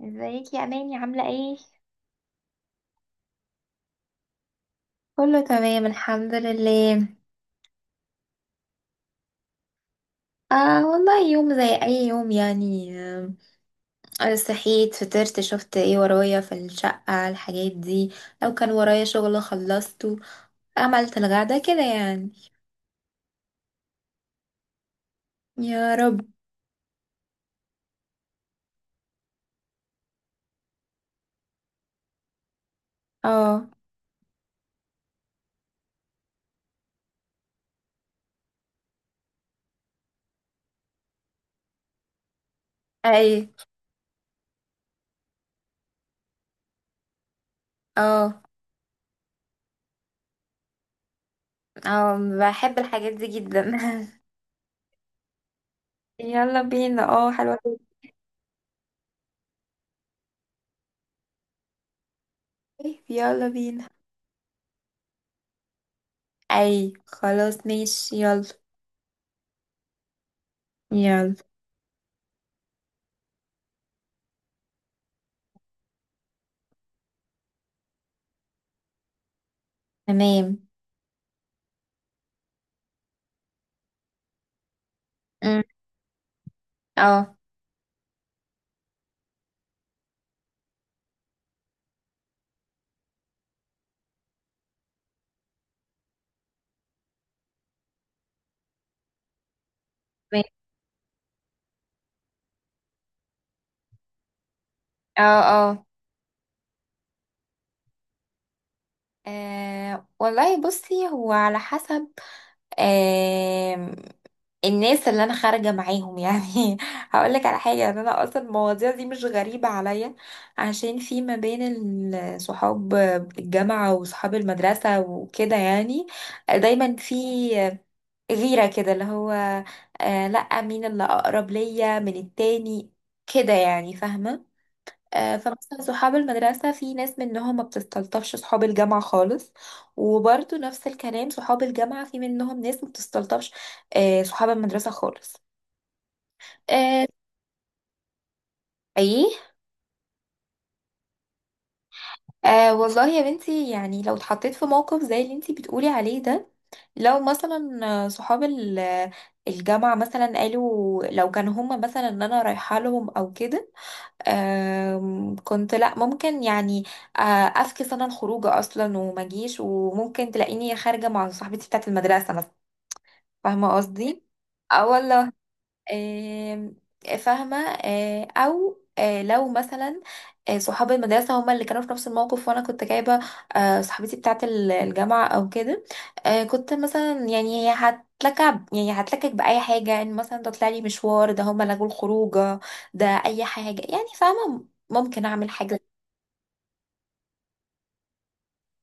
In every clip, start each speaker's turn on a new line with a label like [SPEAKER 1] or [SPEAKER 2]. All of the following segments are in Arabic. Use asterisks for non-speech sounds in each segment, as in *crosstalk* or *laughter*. [SPEAKER 1] ازيك يا اماني؟ عامله ايه؟ كله تمام الحمد لله. والله يوم زي اي يوم يعني. صحيت، فطرت، شفت ايه ورايا في الشقة، الحاجات دي. لو كان ورايا شغل خلصته. عملت الغدا كده يعني. يا رب. اه. اي. اه. اه، بحب الحاجات دي جدا. *laughs* يلا بينا، اه، حلوة جداً. يلا بينا. اي خلاص، ماشي، يلا. يلا. تمام. أم. اه. اه. اه. أه والله، بصي، هو على حسب. أه الناس اللي انا خارجه معاهم يعني *laughs* هقولك على حاجه، ان انا اصلا المواضيع دي مش غريبه عليا، عشان في ما بين صحاب الجامعه وصحاب المدرسه وكده، يعني دايما في غيره كده، اللي هو أه لا، مين اللي اقرب ليا من التاني، كده يعني، فاهمه. فمثلا صحاب المدرسة في ناس منهم ما بتستلطفش صحاب الجامعة خالص. وبرضه نفس الكلام، صحاب الجامعة في منهم ناس ما بتستلطفش صحاب المدرسة خالص. آه، ايه. آه والله يا بنتي، يعني لو اتحطيت في موقف زي اللي انتي بتقولي عليه ده، لو مثلا صحاب الجامعة مثلا قالوا، لو كانوا هما مثلا ان انا رايحة لهم او كده، كنت، لا ممكن يعني افكس انا الخروجه اصلا وما اجيش، وممكن تلاقيني خارجه مع صاحبتي بتاعه المدرسه مثلا. فاهمه قصدي؟ اه والله. آم، فاهمة. أو لو مثلا صحاب المدرسة هما اللي كانوا في نفس الموقف، وأنا كنت جايبة صاحبتي بتاعة الجامعة أو كده، كنت مثلا يعني هي هتلكع، يعني هتلكك بأي حاجة، يعني مثلا ده طلع لي مشوار، ده هما لغوا الخروجة، ده أي حاجة يعني، فاهمة؟ ممكن أعمل حاجة.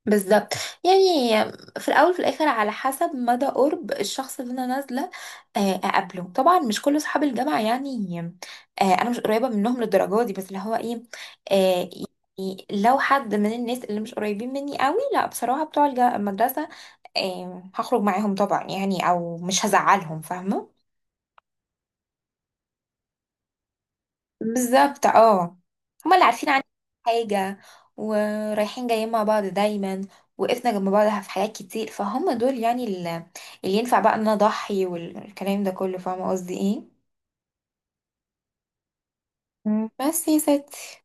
[SPEAKER 1] بالظبط يعني، في الاول وفي الاخر على حسب مدى قرب الشخص اللي انا نازله اقابله، طبعا مش كل اصحاب الجامعه يعني انا مش قريبه منهم للدرجه دي، بس اللي هو ايه. آه، يعني لو حد من الناس اللي مش قريبين مني قوي، لا بصراحه بتوع المدرسه هخرج معاهم طبعا، يعني او مش هزعلهم، فاهمه. بالظبط اه. هما اللي عارفين عني حاجة، ورايحين جايين مع بعض دايما، وقفنا جنب بعض في حاجات كتير، فهم دول يعني اللي ينفع بقى ان انا اضحي والكلام ده كله، فاهمة قصدي ايه؟ مم. بس يا ستي.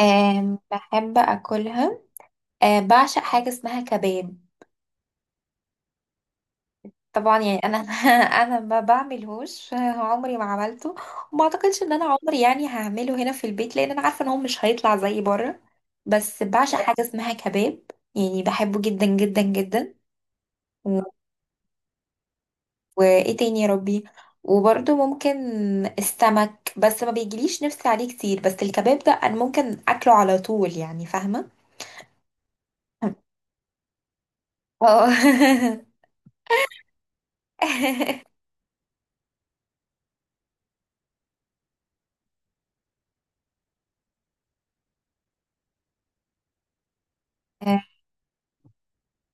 [SPEAKER 1] بحب اكلها. بعشق حاجة اسمها كباب. طبعا يعني انا *laughs* انا ما بعملهوش، عمري ما عملته. وما اعتقدش ان انا عمري يعني هعمله هنا في البيت، لان انا عارفه ان هو مش هيطلع زي بره. بس بعشق حاجه اسمها كباب، يعني بحبه جدا جدا جدا. و- وايه تاني يا ربي؟ وبرده ممكن السمك، بس ما بيجيليش نفسي عليه كتير، بس الكباب ده انا ممكن اكله على طول، يعني فاهمه. اه. *laughs*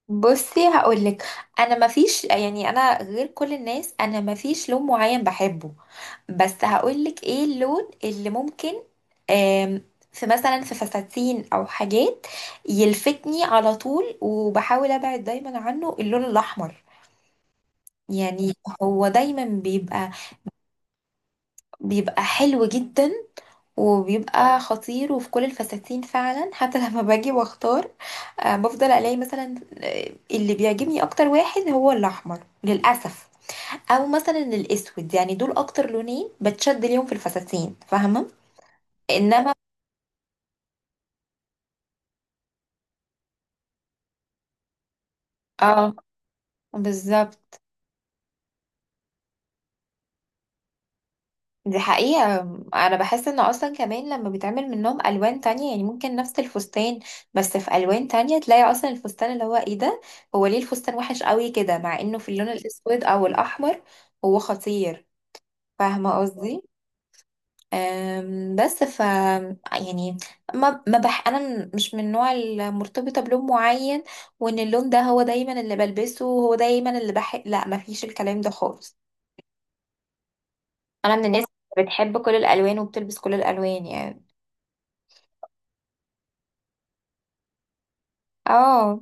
[SPEAKER 1] بصي هقولك. انا مفيش، يعني انا غير كل الناس، انا مفيش لون معين بحبه. بس هقولك ايه اللون اللي ممكن آم، في مثلا في فساتين او حاجات يلفتني على طول، وبحاول ابعد دايما عنه، اللون الاحمر يعني، هو دايما بيبقى حلو جدا، وبيبقى خطير، وفي كل الفساتين فعلا. *laughs* حتى لما باجي واختار بفضل الاقي مثلا اللي بيعجبني اكتر واحد هو الاحمر، للاسف. او مثلا الاسود، يعني دول اكتر لونين بتشد ليهم في الفساتين، فاهمه. انما اه، بالظبط، دي حقيقة. أنا بحس إن أصلا كمان لما بيتعمل منهم ألوان تانية، يعني ممكن نفس الفستان بس في ألوان تانية، تلاقي أصلا الفستان اللي هو إيه ده، هو ليه الفستان وحش قوي كده، مع إنه في اللون الأسود أو الأحمر هو خطير. فاهمة قصدي؟ بس يعني ما انا مش من النوع المرتبطه بلون معين، وان اللون ده هو دايما اللي بلبسه وهو دايما اللي بحب. لا ما فيش الكلام ده خالص. انا من الناس اللي بتحب كل الالوان وبتلبس كل الالوان يعني. اه.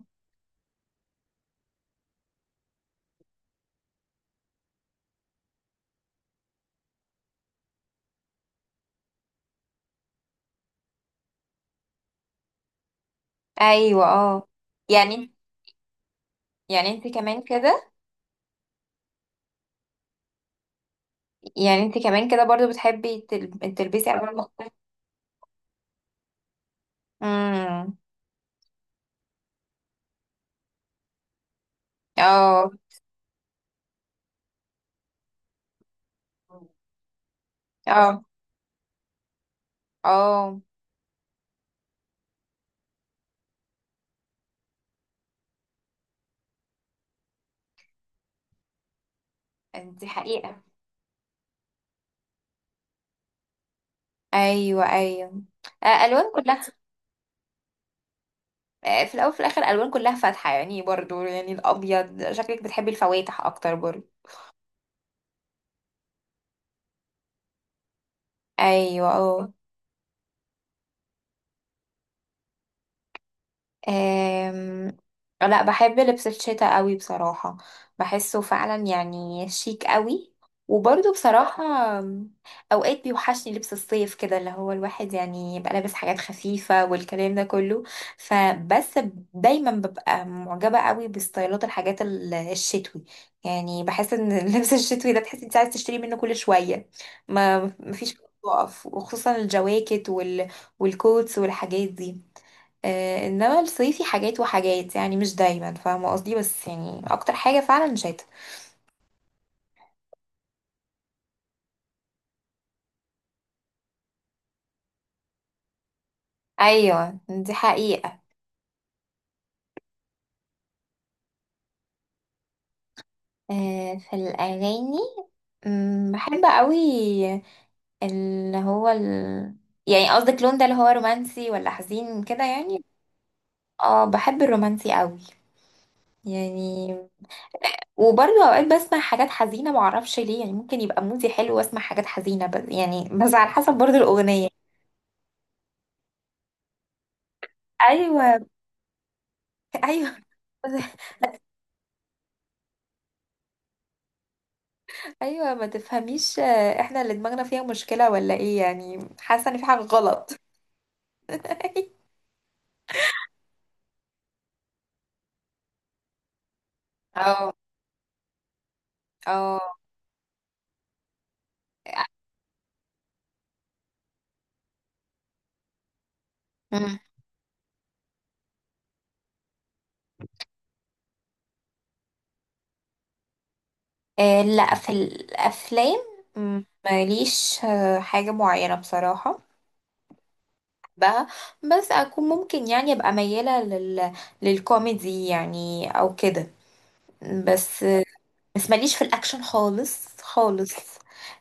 [SPEAKER 1] ايوه اه. يعني انت- يعني انت كمان كده. يعني انت كمان كده برضو بتحبي تلبسي الوان مختلفه. امم. اه. اه. اه. دي حقيقه. ايوه ايوه. الوان كلها. في الاول وفي الاخر الالوان كلها فاتحه، يعني برضو، يعني الابيض، شكلك بتحبي الفواتح اكتر برضو. ايوه اه. أم... لا بحب لبس الشتاء قوي بصراحة. بحسه فعلا يعني شيك قوي. وبرضه بصراحة أم، أوقات بيوحشني لبس الصيف كده، اللي هو الواحد يعني يبقى لابس حاجات خفيفة والكلام ده كله. فبس دايما ببقى معجبة قوي بستايلات الحاجات الشتوي. يعني بحس ان *laughs* اللبس الشتوي ده، تحس انت عايز تشتري منه كل شوية، ما مفيش وقف. وخصوصا الجواكت والكوتس والحاجات دي. انما الصيفي حاجات وحاجات، يعني مش دايما، فاهمه قصدي؟ بس يعني اكتر حاجه فعلا شتا. ايوه دي حقيقه. في الاغاني بحب قوي اللي هو ال... يعني قصدك لون، ده اللي هو رومانسي ولا حزين كده يعني. اه، بحب الرومانسي قوي يعني. وبرضه اوقات بسمع حاجات حزينه، معرفش ليه، يعني ممكن يبقى مودي حلو واسمع حاجات حزينه، بس يعني، بس على حسب برضه الاغنيه. ايوه. ايوه. *laughs* ايوه، ما تفهميش احنا اللي دماغنا فيها مشكله ولا ايه؟ يعني حاسه ان في حاجه غلط. اه. اه. مم. لا في الافلام ماليش حاجه معينه بصراحه بقى. بس اكون ممكن يعني ابقى مياله للكوميدي يعني او كده. بس بس ماليش في الاكشن خالص خالص،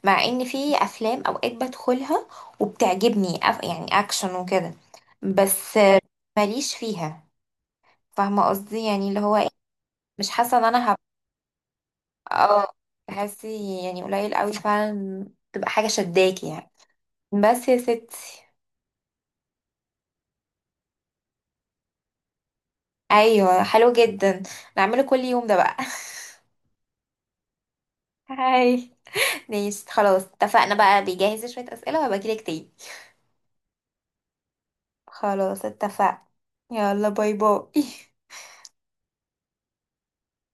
[SPEAKER 1] مع ان في افلام اوقات بدخلها وبتعجبني يعني اكشن وكده. بس ماليش فيها، فاهمة قصدي يعني اللي هو ايه، مش حاسة ان انا هبقى. اه. تحسي يعني قليل قوي فعلا، تبقى حاجة شداكي يعني، بس يا ستي. ايوه حلو جدا. نعمله كل يوم ده بقى. *laughs* هاي. ماشي خلاص، اتفقنا بقى، بيجهز شوية اسئلة وهبقى اجيلك تاني. خلاص اتفقنا. يلا، باي باي. *laughs*